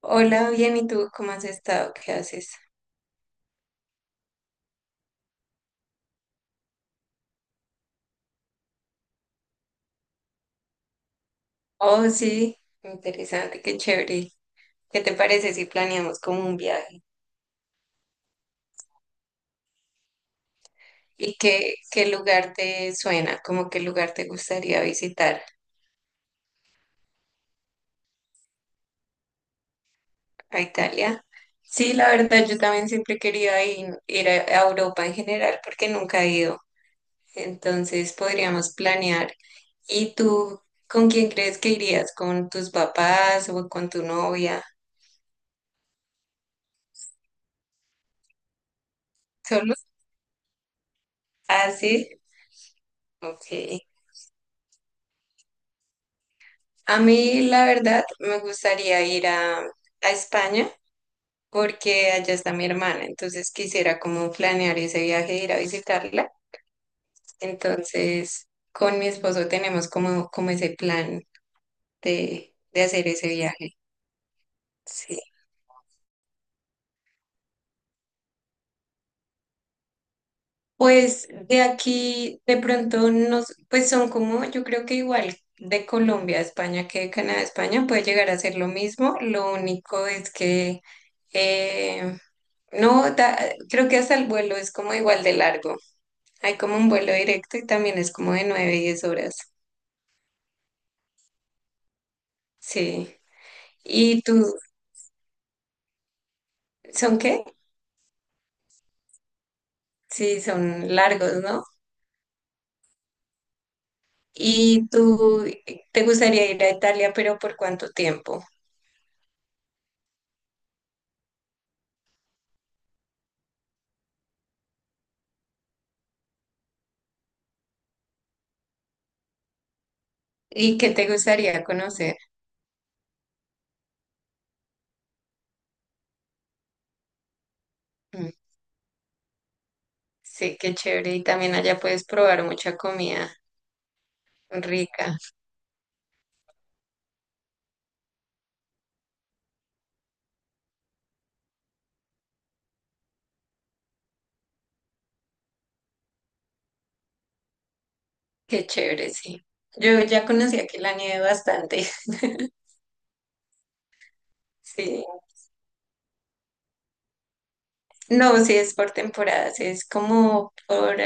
Hola, bien, ¿y tú cómo has estado? ¿Qué haces? Oh, sí, interesante, qué chévere. ¿Qué te parece si planeamos como un viaje? ¿Y qué lugar te suena? ¿Cómo qué lugar te gustaría visitar a Italia? Sí, la verdad, yo también siempre quería ir a Europa en general porque nunca he ido. Entonces podríamos planear. ¿Y tú con quién crees que irías? ¿Con tus papás o con tu novia? ¿Solo? Ah, sí, ok. A mí, la verdad, me gustaría ir a España porque allá está mi hermana, entonces quisiera como planear ese viaje, ir a visitarla. Entonces, con mi esposo tenemos como ese plan de hacer ese viaje. Sí. Pues de aquí, de pronto, nos, pues son como, yo creo que igual de Colombia a España que de Canadá a España puede llegar a ser lo mismo. Lo único es que em, no, creo que hasta el vuelo es como igual de largo. Hay como un vuelo directo y también es como de 9 10 horas. Sí. ¿Y tú, son qué? Sí, son largos, ¿no? ¿Y tú te gustaría ir a Italia, pero por cuánto tiempo? ¿Y qué te gustaría conocer? Mm, sí, qué chévere. Y también allá puedes probar mucha comida rica. Qué chévere, sí. Yo ya conocí aquí la nieve bastante. Sí. No, si es por temporadas, es como por,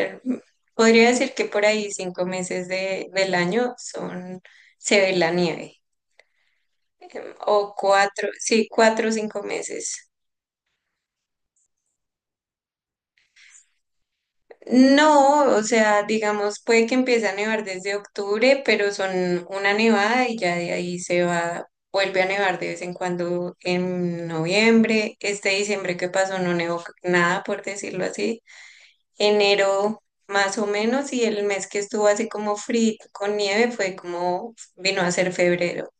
podría decir que por ahí 5 meses del año son, se ve la nieve, o cuatro, sí, 4 o 5 meses. No, o sea, digamos, puede que empiece a nevar desde octubre, pero son una nevada y ya de ahí se va, vuelve a nevar de vez en cuando en noviembre. Este diciembre que pasó no nevó nada, por decirlo así. Enero más o menos y el mes que estuvo así como frío con nieve fue como vino a ser febrero.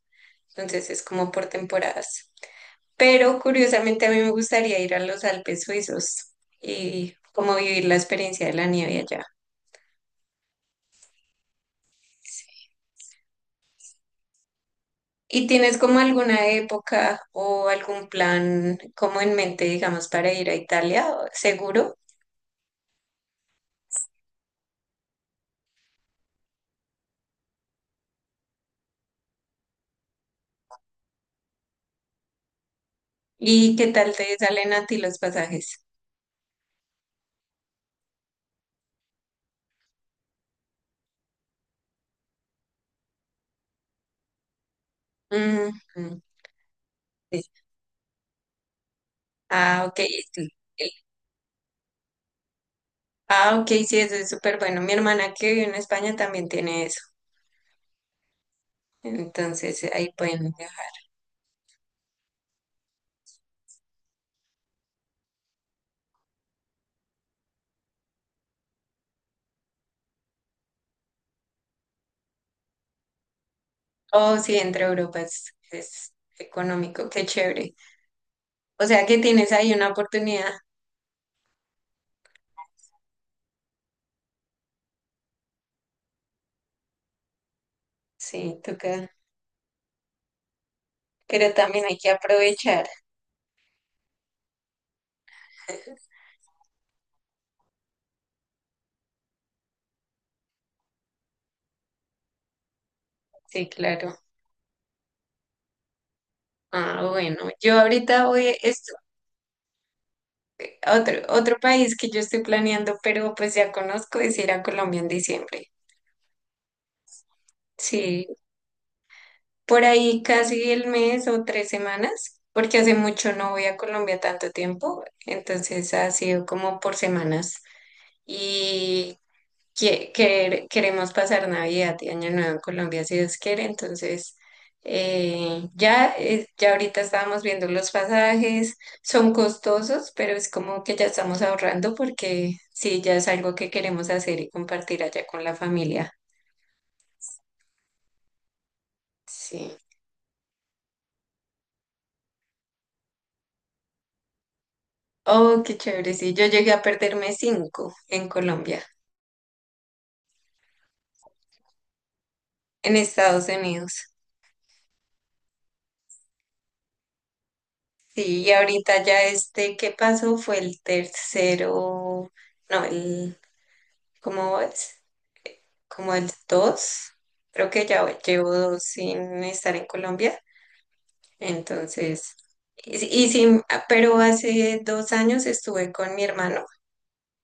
Entonces es como por temporadas. Pero curiosamente a mí me gustaría ir a los Alpes suizos y como vivir la experiencia de la nieve allá. ¿Y tienes como alguna época o algún plan como en mente, digamos, para ir a Italia, seguro? ¿Y qué tal te salen a ti los pasajes? Ujú. Sí. Ah, ok. Ah, ok, sí, eso es súper bueno. Mi hermana que vive en España también tiene eso. Entonces ahí pueden viajar. Oh, sí, entre Europa es económico, qué chévere. O sea que tienes ahí una oportunidad. Sí, toca. Pero también hay que aprovechar. Sí, claro. Ah, bueno, yo ahorita voy, es otro país que yo estoy planeando, pero pues ya conozco, es ir a Colombia en diciembre. Sí, por ahí casi el mes o tres semanas, porque hace mucho no voy a Colombia tanto tiempo, entonces ha sido como por semanas y queremos pasar Navidad y Año Nuevo en Colombia si Dios quiere, entonces ya ahorita estábamos viendo los pasajes, son costosos, pero es como que ya estamos ahorrando porque sí, ya es algo que queremos hacer y compartir allá con la familia. Sí. Oh, qué chévere, sí. Yo llegué a perderme cinco en Colombia, en Estados Unidos. Sí, y ahorita ya este que pasó fue el tercero, no, el, ¿cómo es? Como el dos. Creo que ya llevo dos sin estar en Colombia. Entonces, y sí, ah, pero hace 2 años estuve con mi hermano.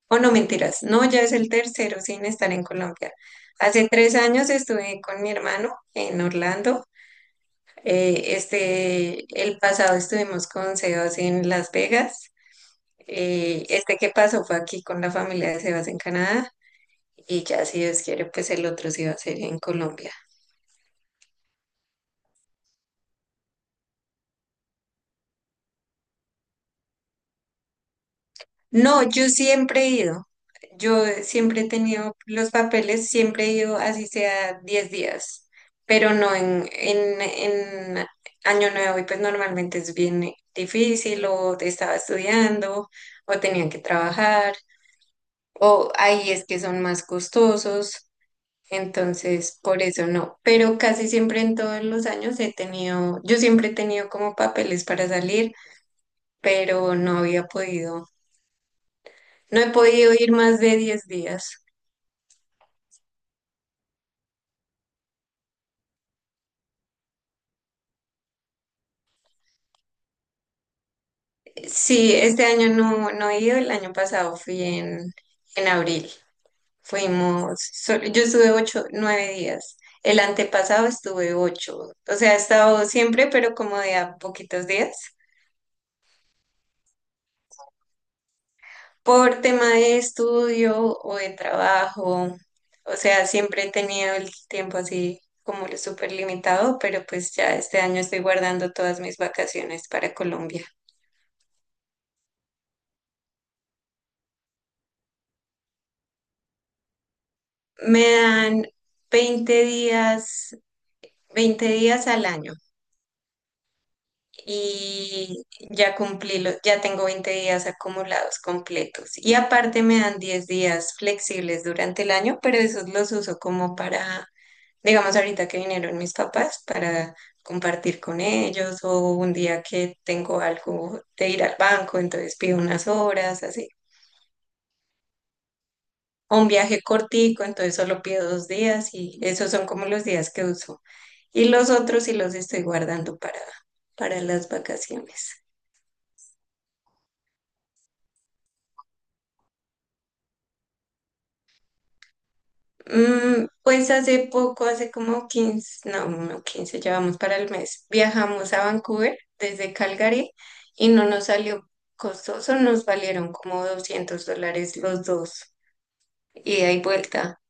O no, mentiras, no, ya es el tercero sin estar en Colombia. Hace 3 años estuve con mi hermano en Orlando. Este, el pasado estuvimos con Sebas en Las Vegas. Este que pasó fue aquí con la familia de Sebas en Canadá. Y ya si Dios quiere, pues el otro sí va a ser en Colombia. No, yo siempre he ido. Yo siempre he tenido los papeles, siempre he ido así sea 10 días, pero no en Año Nuevo y pues normalmente es bien difícil o te estaba estudiando o tenían que trabajar. O ahí es que son más costosos, entonces por eso no. Pero casi siempre en todos los años he tenido, yo siempre he tenido como papeles para salir, pero no había podido, no he podido ir más de 10 días. Sí, este año no he ido, el año pasado fui en abril, fuimos, yo estuve 8 o 9 días. El antepasado estuve ocho, o sea, he estado siempre, pero como de a poquitos días. Por tema de estudio o de trabajo, o sea, siempre he tenido el tiempo así como lo súper limitado, pero pues ya este año estoy guardando todas mis vacaciones para Colombia. Me dan 20 días, 20 días al año y ya cumplí, ya tengo 20 días acumulados completos. Y aparte me dan 10 días flexibles durante el año, pero esos los uso como para digamos ahorita que vinieron mis papás para compartir con ellos o un día que tengo algo de ir al banco, entonces pido unas horas, así. O un viaje cortico, entonces solo pido 2 días y esos son como los días que uso. Y los otros sí los estoy guardando para las vacaciones. Mm, pues hace poco, hace como 15 no 15, llevamos para el mes. Viajamos a Vancouver desde Calgary y no nos salió costoso, nos valieron como 200 dólares los dos, ida y vuelta.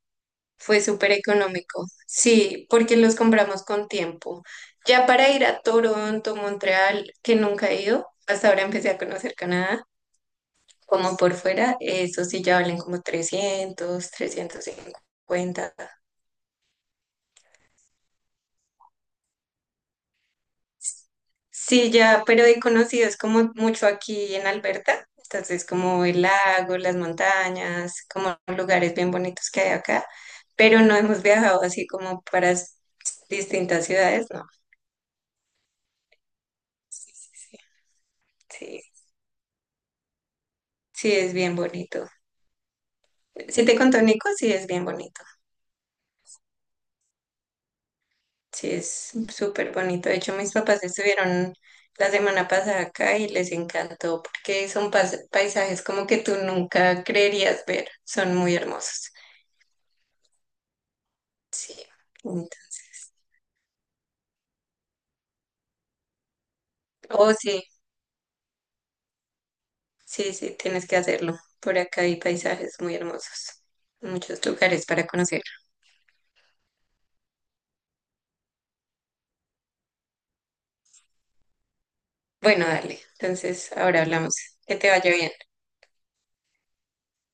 Fue súper económico, sí, porque los compramos con tiempo. Ya para ir a Toronto, Montreal, que nunca he ido, hasta ahora empecé a conocer Canadá, como por fuera, eso sí ya valen como 300, 350. Sí, ya, pero he conocido, es como mucho aquí en Alberta, entonces como el lago, las montañas, como lugares bien bonitos que hay acá, pero no hemos viajado así como para distintas ciudades, no. Sí, sí, sí es bien bonito. Si te contó Nico, sí es bien bonito, sí es súper bonito. De hecho, mis papás estuvieron la semana pasada acá y les encantó porque son paisajes como que tú nunca creerías ver, son muy hermosos. Sí. Entonces, oh, sí, sí, sí, tienes que hacerlo. Por acá hay paisajes muy hermosos, muchos lugares para conocer. Bueno, dale, entonces ahora hablamos. Que te vaya bien.